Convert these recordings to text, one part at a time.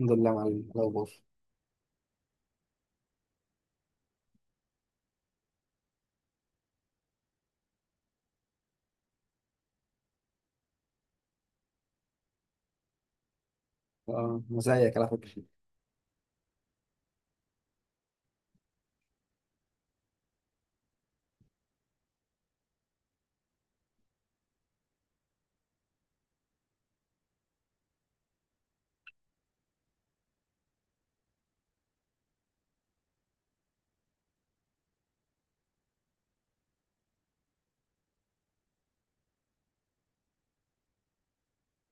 الحمد لله يا معلم لو بص. أنا زيك على فكرة.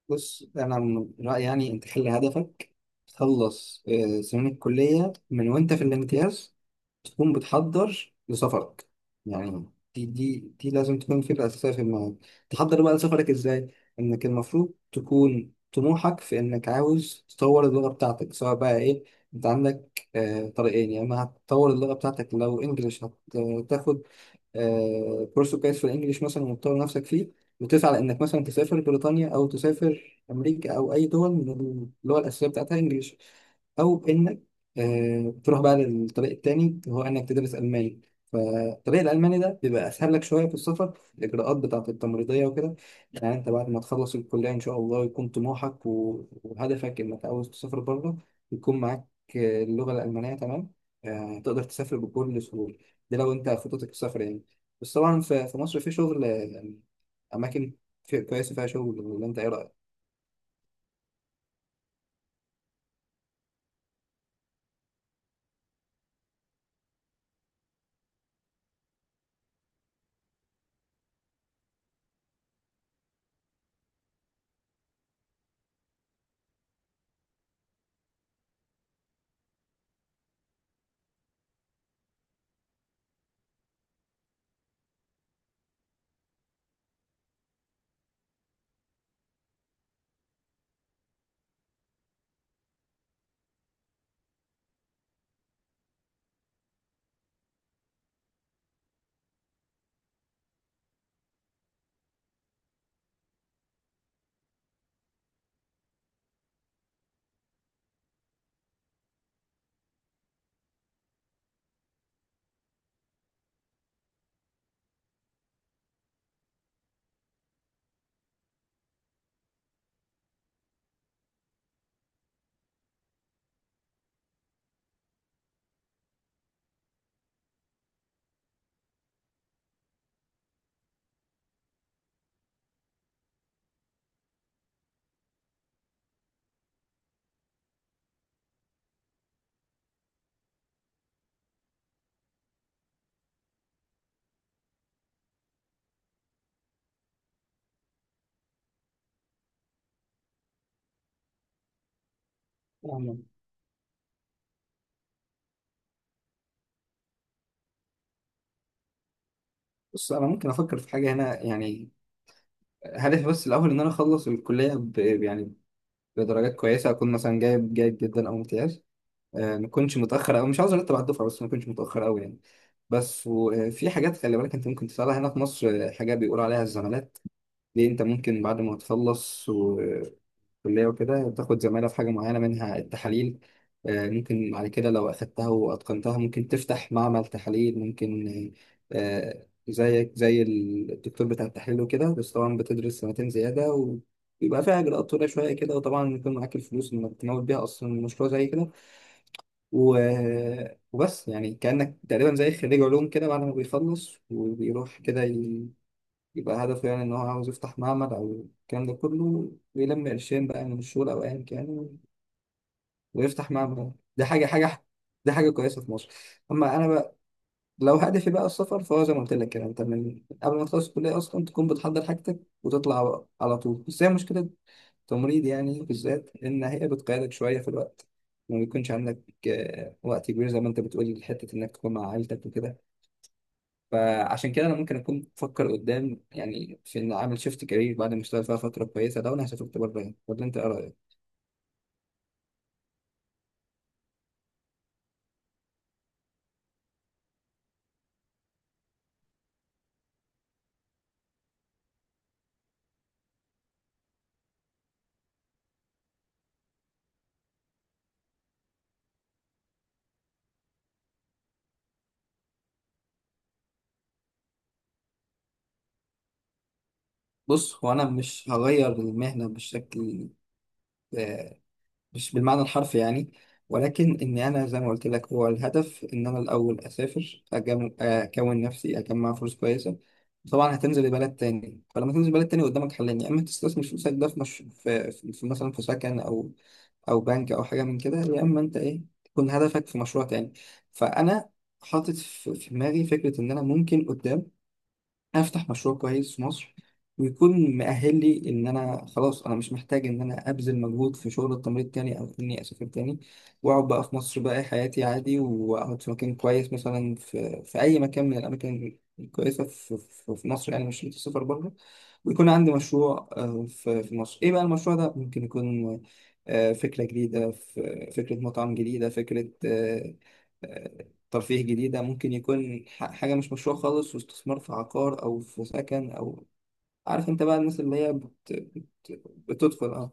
بص، أنا من رأيي يعني أنت خلي هدفك تخلص سنين الكلية. من وأنت في الامتياز تكون بتحضر لسفرك، يعني دي لازم تكون فكرة أساسية في دماغك. تحضر بقى لسفرك إزاي؟ إنك المفروض تكون طموحك في إنك عاوز تطور اللغة بتاعتك، سواء بقى إيه. أنت عندك طريقين: يا إما هتطور اللغة بتاعتك لو إنجلش، هتاخد كورس كويس في الانجليش مثلا وتطور نفسك فيه، وتسعى لانك مثلا تسافر بريطانيا او تسافر امريكا او اي دول من اللغه الاساسيه بتاعتها انجليش. او انك تروح بقى للطريق التاني، هو انك تدرس الماني. فالطريق الالماني ده بيبقى اسهل لك شويه في السفر، الاجراءات بتاعه التمريضيه وكده. يعني انت بعد ما تخلص الكليه ان شاء الله يكون طموحك وهدفك انك عاوز تسافر بره، يكون معاك اللغه الالمانيه تمام، تقدر تسافر بكل سهوله. ده لو انت خطتك السفر يعني. بس طبعا في مصر في شغل، يعني اماكن كويسه فيها شغل، ولا انت ايه رايك؟ فاهمك. بص، انا ممكن افكر في حاجه هنا يعني. هدفي بس الأول إن أنا أخلص الكلية يعني بدرجات كويسة، أكون مثلا جايب جيد جدا أو امتياز. ما أكونش متأخر، أو مش عاوز أرتب على الدفعة بس ما أكونش متأخر أوي يعني. بس وفي حاجات خلي بالك أنت ممكن تسألها هنا في مصر، حاجات بيقول عليها الزمالات. ليه؟ انت ممكن بعد ما تخلص وكلية وكده تاخد زمالة في حاجة معينة، منها التحاليل. ممكن بعد كده لو أخدتها وأتقنتها ممكن تفتح معمل تحاليل، ممكن زيك زي الدكتور بتاع التحليل وكده. بس طبعا بتدرس سنتين زيادة، ويبقى فيها إجراءات طويلة شوية كده، وطبعا يكون معاك الفلوس إنك تمول بيها أصلا مشروع زي كده. وبس يعني كأنك تقريبا زي خريج علوم كده، بعد ما بيخلص وبيروح كده يبقى هدفه يعني إن هو عاوز يفتح معمل أو الكلام ده كله، ويلم قرشين بقى من الشغل أو أيا كان، ويفتح معمل. دي حاجة، حاجة دي حاجة كويسة في مصر. أما أنا بقى، لو هدفي بقى السفر فهو زي ما قلت لك كده، أنت من قبل ما تخلص الكلية أصلا تكون بتحضر حاجتك وتطلع بقى على طول. بس هي مشكلة التمريض يعني بالذات، إن هي بتقيدك شوية في الوقت، ما بيكونش عندك وقت كبير زي ما أنت بتقولي لحتة إنك تكون مع عائلتك وكده. فعشان كده انا ممكن اكون بفكر قدام يعني في ان اعمل شيفت كارير بعد ما اشتغل فيها فتره كويسه، لو انا هسافرت بره يعني. ولا انت ايه رايك؟ بص، هو انا مش هغير المهنه بشكل، مش بالمعنى الحرفي يعني. ولكن إن أنا زي ما قلت لك هو الهدف إن أنا الأول أسافر، أكون نفسي أجمع فلوس كويسة. طبعا هتنزل بلد تاني، فلما تنزل بلد تاني قدامك حلين: يا إما تستثمر فلوسك ده في, مش... في... في في مثلا في سكن أو أو بنك أو حاجة من كده، يا إما أنت إيه تكون هدفك في مشروع تاني. فأنا حاطط في دماغي فكرة إن أنا ممكن قدام افتح مشروع كويس في مصر، ويكون مؤهل لي ان انا خلاص انا مش محتاج ان انا ابذل مجهود في شغل التمريض تاني، او اني اسافر تاني. واقعد بقى في مصر، بقى حياتي عادي، واقعد في مكان كويس مثلا في اي مكان من الاماكن الكويسه في مصر يعني، مش شرط السفر بره. ويكون عندي مشروع، في مصر. ايه بقى المشروع ده؟ ممكن يكون فكره جديده، فكره مطعم جديده، فكره آه، ترفيه جديدة، ممكن يكون حاجة مش مشروع خالص، واستثمار في عقار أو في سكن أو، عارف أنت بقى، الناس اللي هي بتدخل. أه.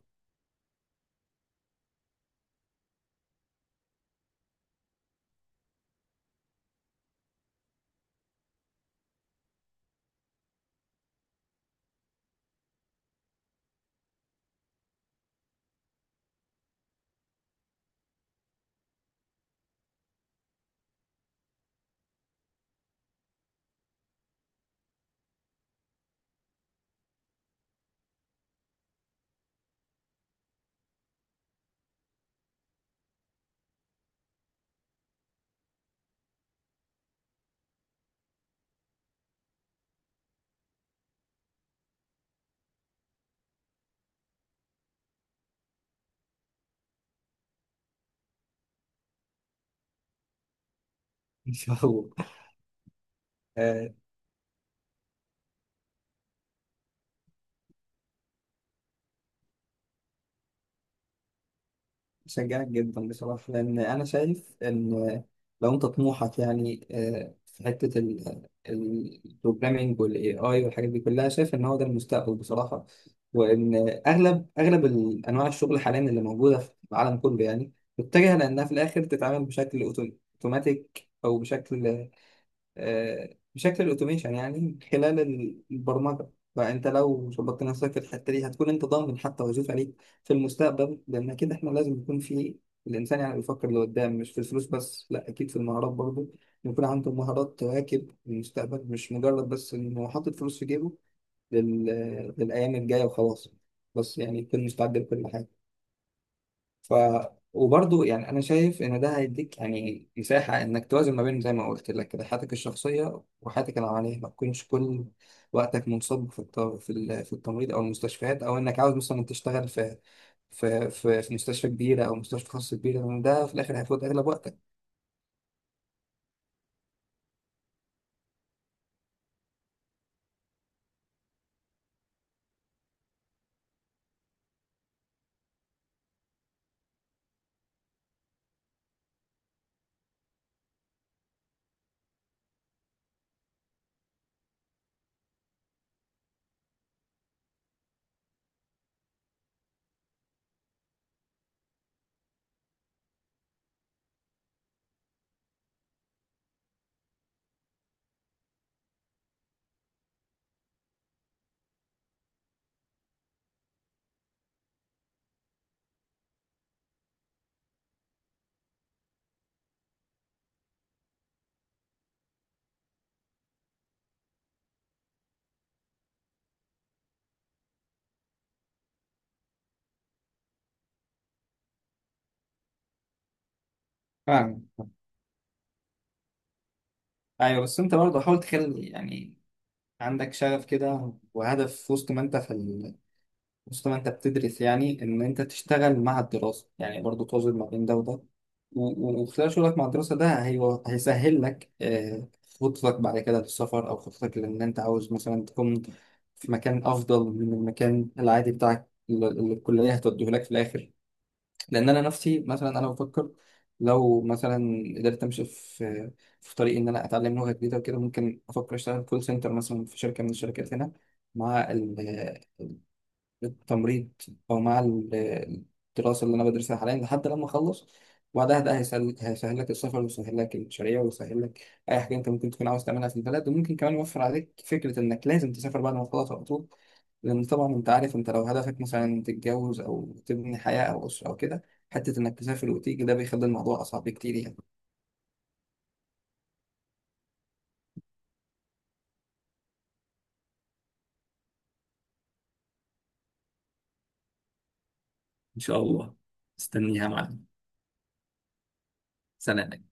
إن شاء الله. بشجعك جدا بصراحة، لأن أنا شايف إن لو أنت طموحك يعني في حتة البروجرامينج والاي اي والحاجات دي كلها، شايف إن هو ده المستقبل بصراحة. وإن أغلب أنواع الشغل حاليا اللي موجودة في العالم كله يعني متجهة لأنها في الآخر تتعامل بشكل أوتوماتيك أو بشكل، بشكل الاوتوميشن يعني من خلال البرمجه. فانت لو ظبطت نفسك في الحته دي هتكون انت ضامن حتى وظيفه ليك في المستقبل، لان كده احنا لازم يكون في الانسان يعني بيفكر لقدام، مش في الفلوس بس، لا اكيد في المهارات برضه، يكون عنده مهارات تواكب المستقبل، مش مجرد بس انه حاطط فلوس في جيبه لل... للايام الجايه وخلاص، بس يعني يكون مستعد لكل حاجه. ف وبرضه يعني انا شايف ان ده هيديك يعني مساحه انك توازن ما بين زي ما قلت لك كده حياتك الشخصيه وحياتك العمليه، ما تكونش كل وقتك منصب في التمريض او المستشفيات، او انك عاوز مثلا تشتغل في مستشفى كبيره او مستشفى خاص كبيره، لأن ده في الاخر هيفوت اغلب وقتك. فاهم. ايوه، بس انت برضه حاول تخلي يعني عندك شغف كده وهدف في وسط ما انت في. بص، ما انت بتدرس يعني ان انت تشتغل مع الدراسة، يعني برضو توازن ما بين ده وده. وخلال شغلك مع الدراسة ده هيسهل لك خطتك بعد كده للسفر، او خطتك لان انت عاوز مثلا تكون في مكان افضل من المكان العادي بتاعك اللي الكلية هتوديه لك في الاخر. لان انا نفسي مثلا انا بفكر لو مثلا قدرت امشي في طريق ان انا اتعلم لغة جديدة وكده، ممكن افكر اشتغل كول سنتر مثلا في شركة من الشركات هنا مع التمريض، او مع الدراسه اللي انا بدرسها حاليا لحد لما اخلص. وبعدها ده هيسهل لك السفر، ويسهل لك المشاريع، ويسهل لك اي حاجه انت ممكن تكون عاوز تعملها في البلد، وممكن كمان يوفر عليك فكره انك لازم تسافر بعد ما تخلص على طول. لان طبعا انت عارف، انت لو هدفك مثلا تتجوز او تبني حياه او اسره او كده، حته انك تسافر وتيجي ده بيخلي الموضوع اصعب بكتير يعني. ان شاء الله، استنيها معانا. سلام.